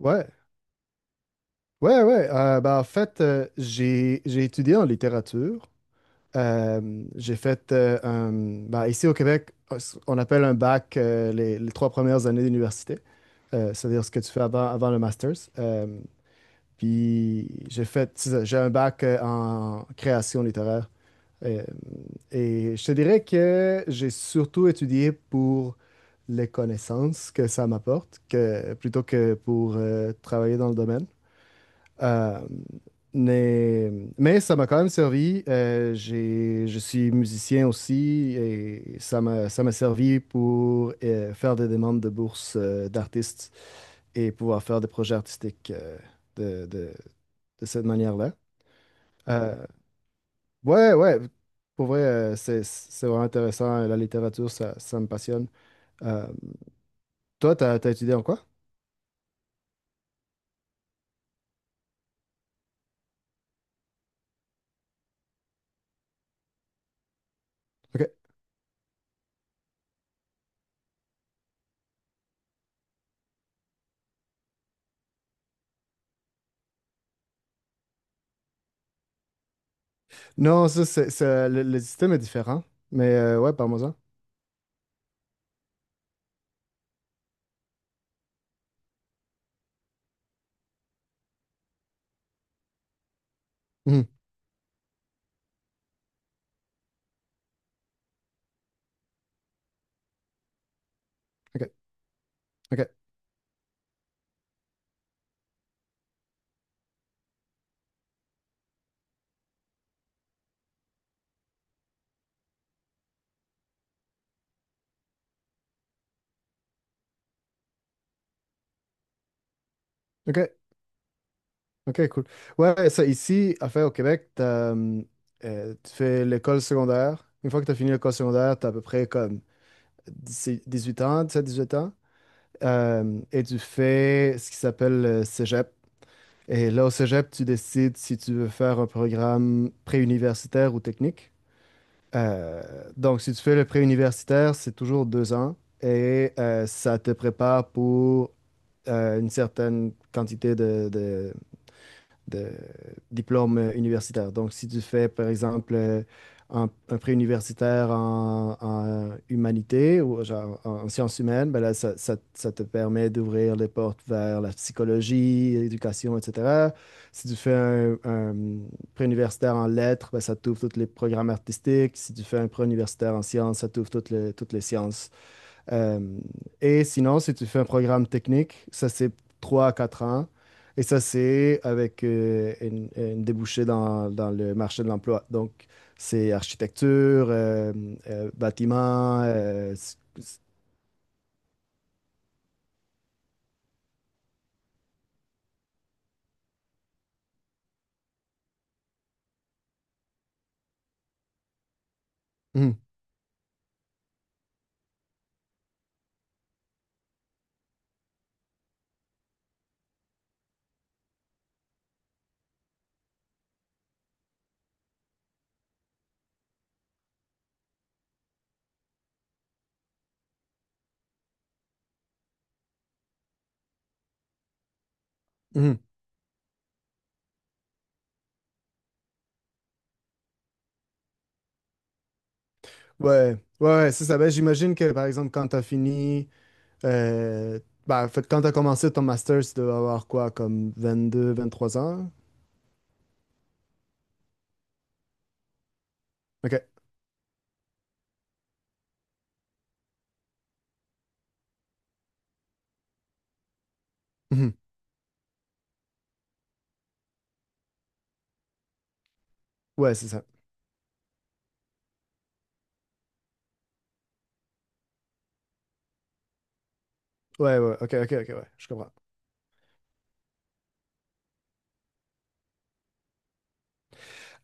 Ouais, ouais, ouais. Ben, en fait, j'ai étudié en littérature. J'ai fait ben, ici au Québec, on appelle un bac les trois premières années d'université. C'est-à-dire ce que tu fais avant le master's. Puis j'ai fait, c'est ça, j'ai un bac en création littéraire. Euh, et je te dirais que j'ai surtout étudié pour les connaissances que ça m'apporte, plutôt que pour travailler dans le domaine. Euh, mais, mais ça m'a quand même servi. Je suis musicien aussi et ça m'a servi pour faire des demandes de bourses d'artistes et pouvoir faire des projets artistiques de, de, de cette manière-là. Euh, ouais, ouais, pour vrai, c'est vraiment intéressant. La littérature, ça me passionne. Euh, Toi, t'as étudié en quoi? OK. Non, le système est différent. Mais ouais, parle-moi-en. Mhm. OK, OK, OK, OK, cool. Ouais, ça, ici, à faire au Québec, tu fais l'école secondaire. Une fois que tu as fini l'école secondaire, tu as à peu près comme 18 ans, 17 18 ans. Et tu fais ce qui s'appelle le cégep. Et là, au cégep, tu décides si tu veux faire un programme préuniversitaire ou technique. Euh, donc, si tu fais le pré-universitaire, c'est toujours 2 ans et ça te prépare pour une certaine quantité de diplôme universitaire. Donc, si tu fais, par exemple, un, pré-universitaire en humanité ou genre en sciences humaines, ben là, ça te permet d'ouvrir les portes vers la psychologie, l'éducation, etc. Si tu fais un universitaire en lettres, ben, ça t'ouvre tous les programmes artistiques. Si tu fais un pré-universitaire en sciences, ça t'ouvre toutes les sciences. Euh, et sinon, si tu fais un programme technique, ça c'est 3 à 4 ans. Et ça c'est avec une débouchée dans le marché de l'emploi. Donc, c'est architecture, bâtiment. Mhm, mhm. Ouais, ouais, ouais, c'est ça. Ben, j'imagine que par exemple, quand tu as fini, euh, ben, en fait, quand tu as commencé ton master, tu devais avoir quoi, comme 22, 23 ans? Ok. Mhm. Ouais, c'est ça. Ouais, ouais, ok, ok, ok, ouais, je comprends.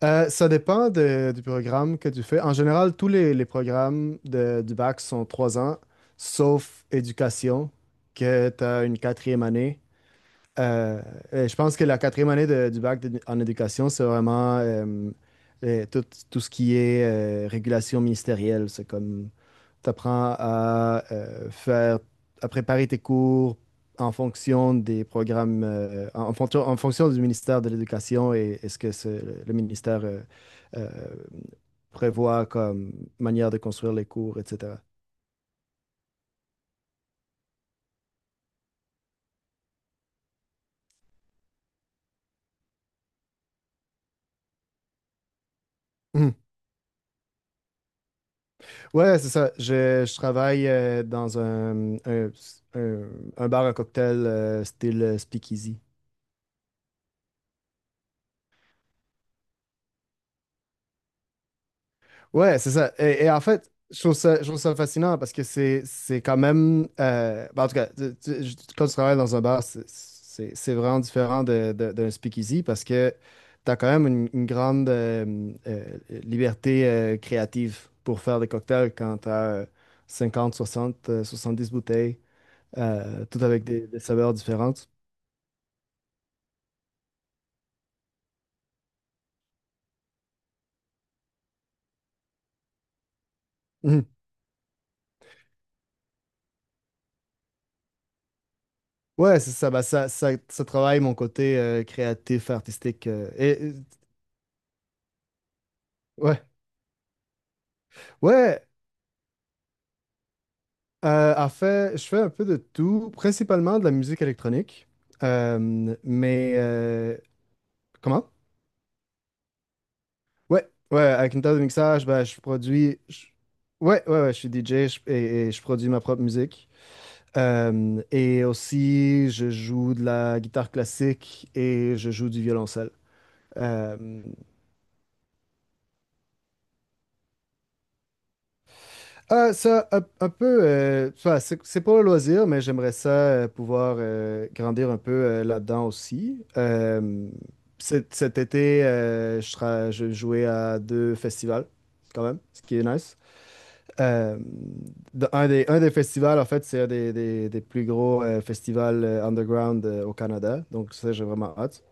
Ça dépend du programme que tu fais. En général, tous les programmes du bac sont 3 ans, sauf éducation, que tu as une quatrième année. Euh, et je pense que la quatrième année du bac en éducation, c'est vraiment euh, tout, tout ce qui est régulation ministérielle. C'est comme t'apprends à à préparer tes cours en fonction des programmes, en fonction du ministère de l'Éducation et ce que le ministère euh, prévoit comme manière de construire les cours, etc. Mhm. Ouais, c'est ça. Je travaille dans un- un bar à cocktail style speakeasy. Ouais, c'est ça. Et en fait, je trouve ça fascinant parce que c'est quand même. Ben, en tout cas, quand tu travailles dans un bar, c'est vraiment différent d'un speakeasy parce que tu as quand même une grande liberté créative pour faire des cocktails quand tu as 50, 60 70 bouteilles, toutes avec des saveurs différentes. Mhm. Ouais, c'est ça. Bah, ça travaille mon côté créatif, artistique. Ouais. Ouais, en fait, je fais un peu de tout, principalement de la musique électronique. Mais comment? Ouais, ouais, avec une table de mixage, ben, je produis. Ouais, ouais, ouais, je suis DJ et je produis ma propre musique. Et aussi, je joue de la guitare classique et je joue du violoncelle. Euh, un peu, enfin, c'est pour le loisir, mais j'aimerais ça pouvoir grandir un peu là-dedans aussi. Cet été, je jouais à deux festivals, quand même, ce qui est nice. Euh, un des festivals, en fait, c'est un des plus gros festivals underground au Canada, donc ça, j'ai vraiment hâte.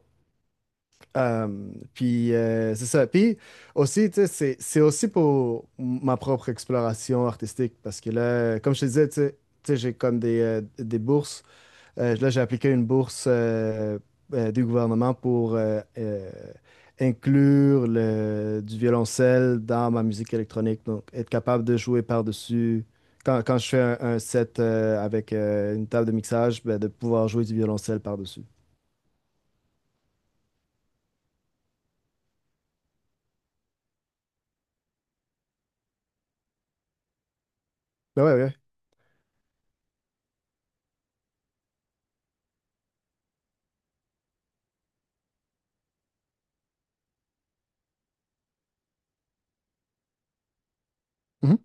Puis c'est ça. Puis aussi, tu sais, c'est aussi pour ma propre exploration artistique parce que là, comme je te disais, tu sais, j'ai comme des bourses. Là, j'ai appliqué une bourse du gouvernement pour inclure du violoncelle dans ma musique électronique. Donc, être capable de jouer par-dessus. Quand je fais un set avec une table de mixage, ben, de pouvoir jouer du violoncelle par-dessus. Ben ouais, ouais. Mhm.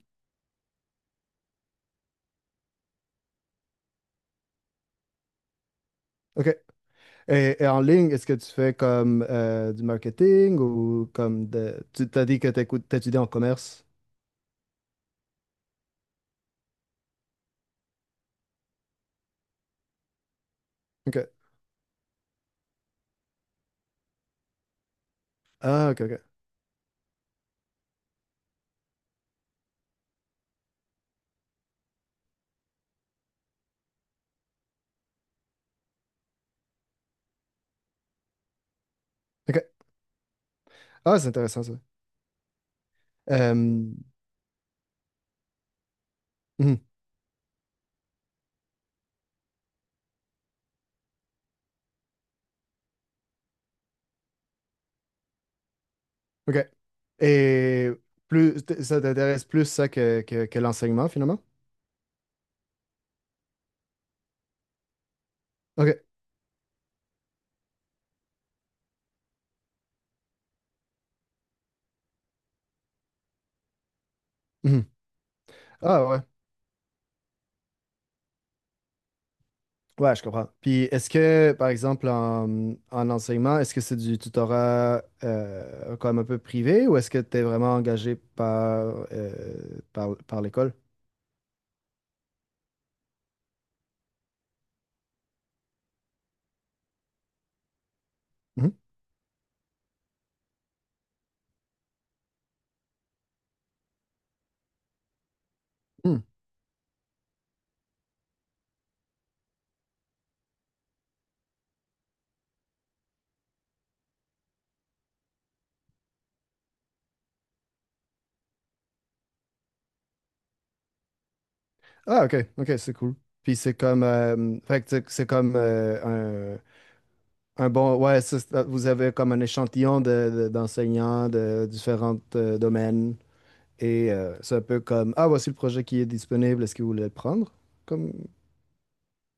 OK. Et en ligne, est-ce que tu fais comme du marketing ou comme de... Tu t'as dit que t'étudies en commerce. OK. Ah, OK, OK. OK. Ah, c'est intéressant ça. Mhm, OK. Et plus, ça t'intéresse plus ça que l'enseignement finalement? OK. Mhm. Ah, ouais. Ouais, je comprends. Puis est-ce que, par exemple, en enseignement, est-ce que c'est du tutorat comme un peu privé ou est-ce que tu es vraiment engagé par l'école? Mhm. Ah, ok, ok, c'est cool. Puis c'est comme, fait que c'est comme ouais, vous avez comme un échantillon de, d'enseignants de différents domaines et c'est un peu comme, ah, voici le projet qui est disponible, est-ce que vous voulez le prendre comme,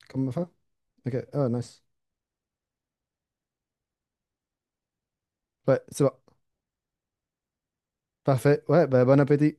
comme fin? Ok, ah, nice. Ouais, c'est bon, parfait. Ouais, ben bon appétit.